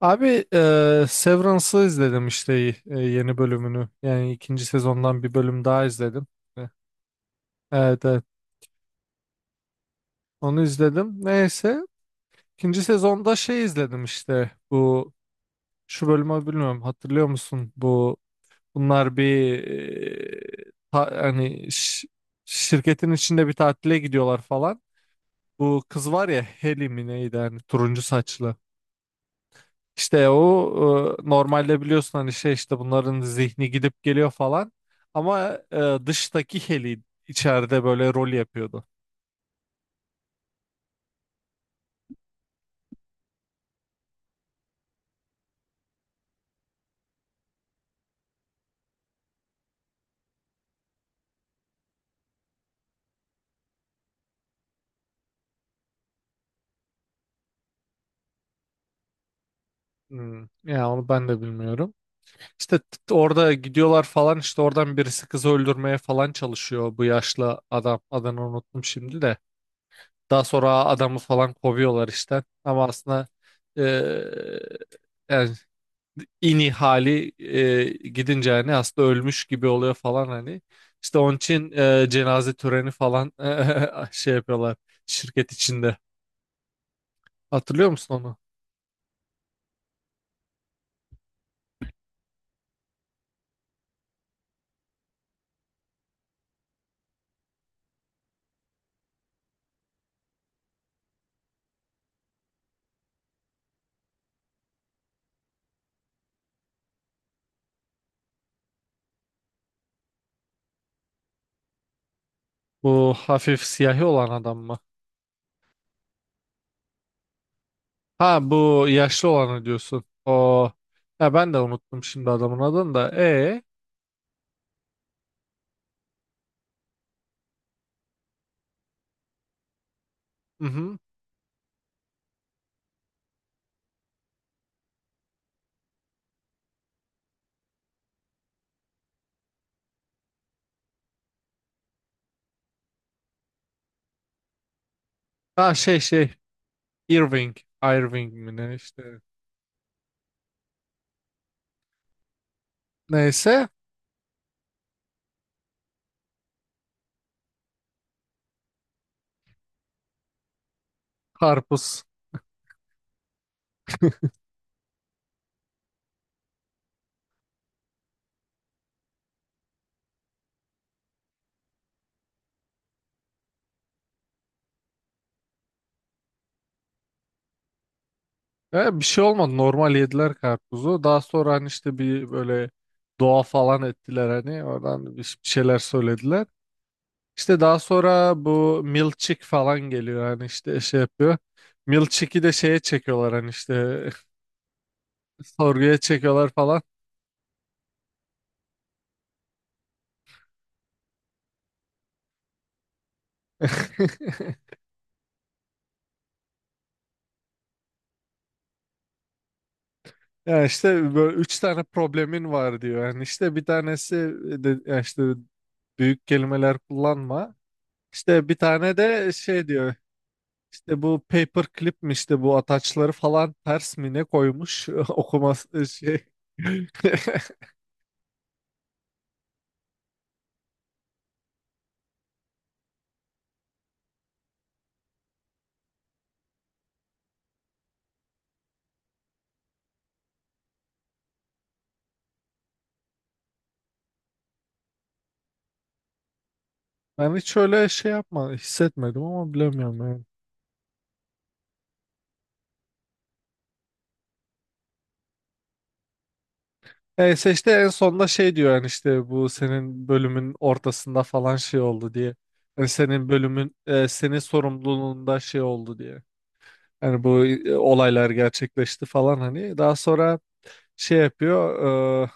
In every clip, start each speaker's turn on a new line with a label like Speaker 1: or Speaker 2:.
Speaker 1: Abi, Severance'ı izledim işte, yeni bölümünü. Yani ikinci sezondan bir bölüm daha izledim. E, Evet evet, onu izledim. Neyse, ikinci sezonda şey izledim işte, bu şu bölümü bilmiyorum, hatırlıyor musun? Bunlar bir hani, şirketin içinde bir tatile gidiyorlar falan. Bu kız var ya, Heli mi neydi, hani turuncu saçlı. İşte o, normalde biliyorsun hani, şey işte, bunların zihni gidip geliyor falan. Ama dıştaki Heli içeride böyle rol yapıyordu. Hmm. Ya onu ben de bilmiyorum. İşte orada gidiyorlar falan işte, oradan birisi kızı öldürmeye falan çalışıyor, bu yaşlı adam. Adını unuttum şimdi de. Daha sonra adamı falan kovuyorlar işte. Ama aslında e, yani, ini hali, gidince hani aslında ölmüş gibi oluyor falan hani. İşte onun için cenaze töreni falan şey yapıyorlar şirket içinde. Hatırlıyor musun onu? Bu hafif siyahi olan adam mı? Ha, bu yaşlı olanı diyorsun. O, ya ben de unuttum şimdi adamın adını da. Hı hı. Ha, şey Irving, Irving mi ne işte. Neyse, karpuz. Ya bir şey olmadı. Normal yediler karpuzu. Daha sonra hani işte bir böyle dua falan ettiler hani. Oradan bir şeyler söylediler. İşte daha sonra bu milkshake falan geliyor hani işte, şey yapıyor. Milkshake'i de şeye çekiyorlar hani işte, sorguya çekiyorlar falan. Ya işte böyle üç tane problemin var diyor. Yani işte bir tanesi, de ya işte, büyük kelimeler kullanma. İşte bir tane de şey diyor. İşte bu paperclip mi, işte bu ataçları falan ters mi ne koymuş, okuması şey. Ben hiç öyle şey yapma hissetmedim ama bilemiyorum yani. Neyse, işte en sonunda şey diyor, yani işte bu senin bölümün ortasında falan şey oldu diye. Yani senin bölümün, senin sorumluluğunda şey oldu diye. Yani bu olaylar gerçekleşti falan hani. Daha sonra şey yapıyor, e,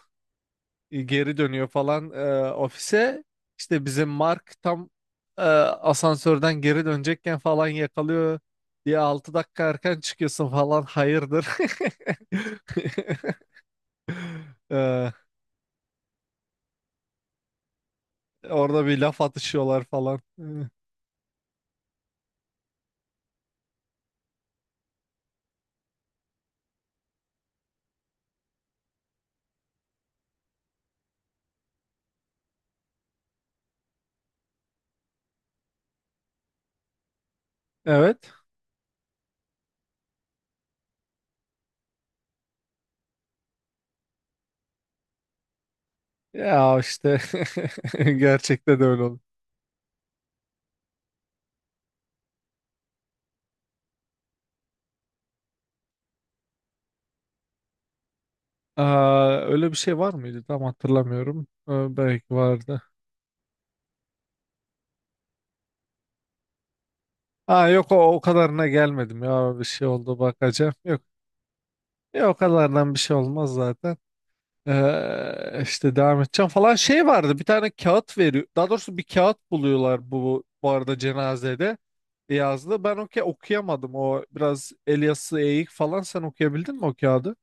Speaker 1: geri dönüyor falan, ofise. İşte bizim Mark tam asansörden geri dönecekken falan yakalıyor diye, 6 dakika erken çıkıyorsun falan, hayırdır. E, Orada bir laf atışıyorlar falan. Evet. Ya işte gerçekte de öyle oldu. Aa, öyle bir şey var mıydı? Tam hatırlamıyorum. Belki vardı. Ha, yok, o kadarına gelmedim, ya bir şey oldu, bakacağım. Yok. Ya o kadardan bir şey olmaz zaten. İşte devam edeceğim falan, şey vardı, bir tane kağıt veriyor, daha doğrusu bir kağıt buluyorlar, bu arada cenazede yazdı, ben okuyamadım, o biraz el eğik falan, sen okuyabildin mi o kağıdı?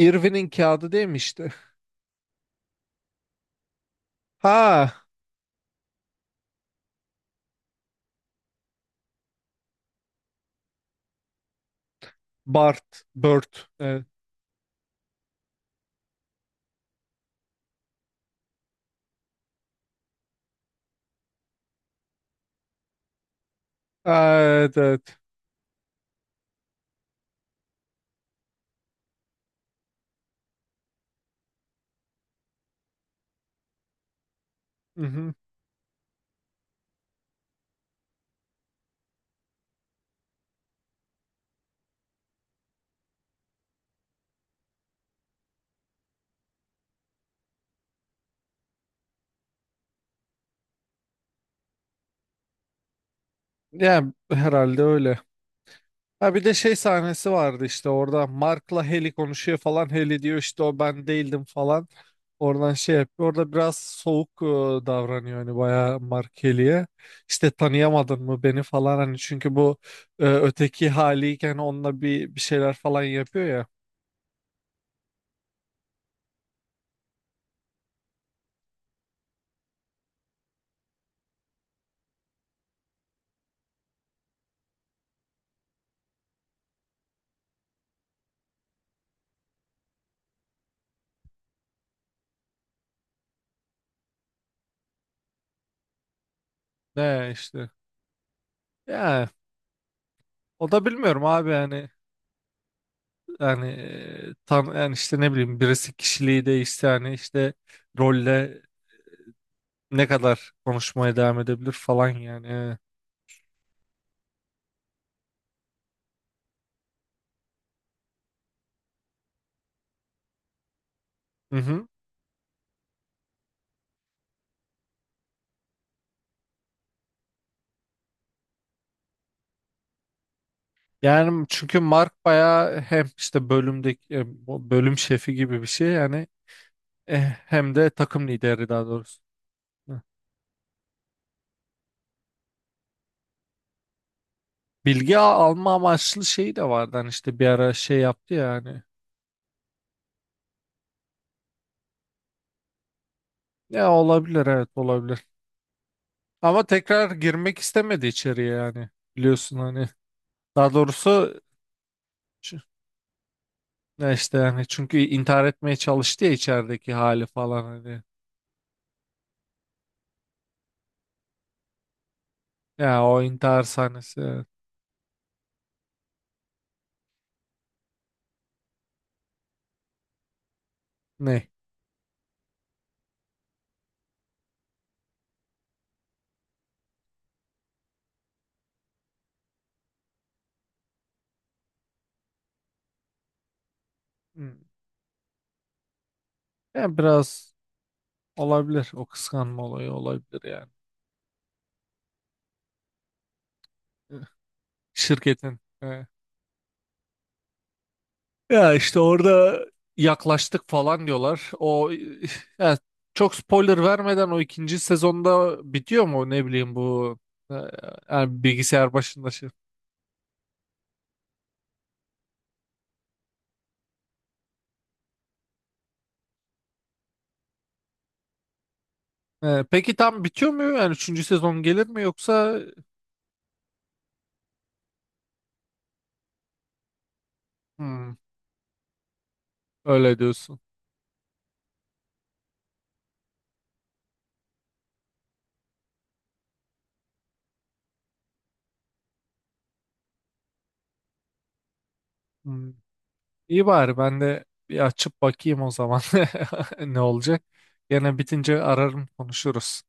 Speaker 1: Irving'in kağıdı değil mi işte. Ha Bart, Bert evet. Aa, evet, evet. Hı hı. Yani herhalde öyle. Ha bir de şey sahnesi vardı, işte orada Mark'la Heli konuşuyor falan. Heli diyor işte, o ben değildim falan. Oradan şey yapıyor. Orada biraz soğuk davranıyor hani bayağı, Mark Heli'ye. İşte tanıyamadın mı beni falan hani, çünkü bu öteki haliyken onunla bir şeyler falan yapıyor ya. Ne işte. Ya o da bilmiyorum abi yani e, tan yani işte ne bileyim, birisi kişiliği değişti yani işte, rolle ne kadar konuşmaya devam edebilir falan yani. Hı hı. Yani çünkü Mark bayağı hem işte bölümdeki, bu bölüm şefi gibi bir şey yani, hem de takım lideri, daha doğrusu. Hı. Bilgi alma amaçlı şeyi de vardı hani işte, bir ara şey yaptı ya hani. Ya olabilir, evet olabilir. Ama tekrar girmek istemedi içeriye yani, biliyorsun hani. Daha doğrusu, ç- ya işte yani, çünkü intihar etmeye çalıştı ya içerideki hali falan hani. Ya o intihar sahnesi, evet. Ne? Hı. Ya biraz. Olabilir. O kıskanma olayı olabilir yani. Evet. Şirketin. Evet. Ya işte orada yaklaştık falan diyorlar. O ya çok spoiler vermeden, o ikinci sezonda bitiyor mu ne bileyim bu, e, yani bilgisayar başında şey. Peki tam bitiyor mu? Yani üçüncü sezon gelir mi yoksa? Hmm, öyle diyorsun. Hmm. İyi, bari ben de bir açıp bakayım o zaman ne olacak. Gene bitince ararım, konuşuruz.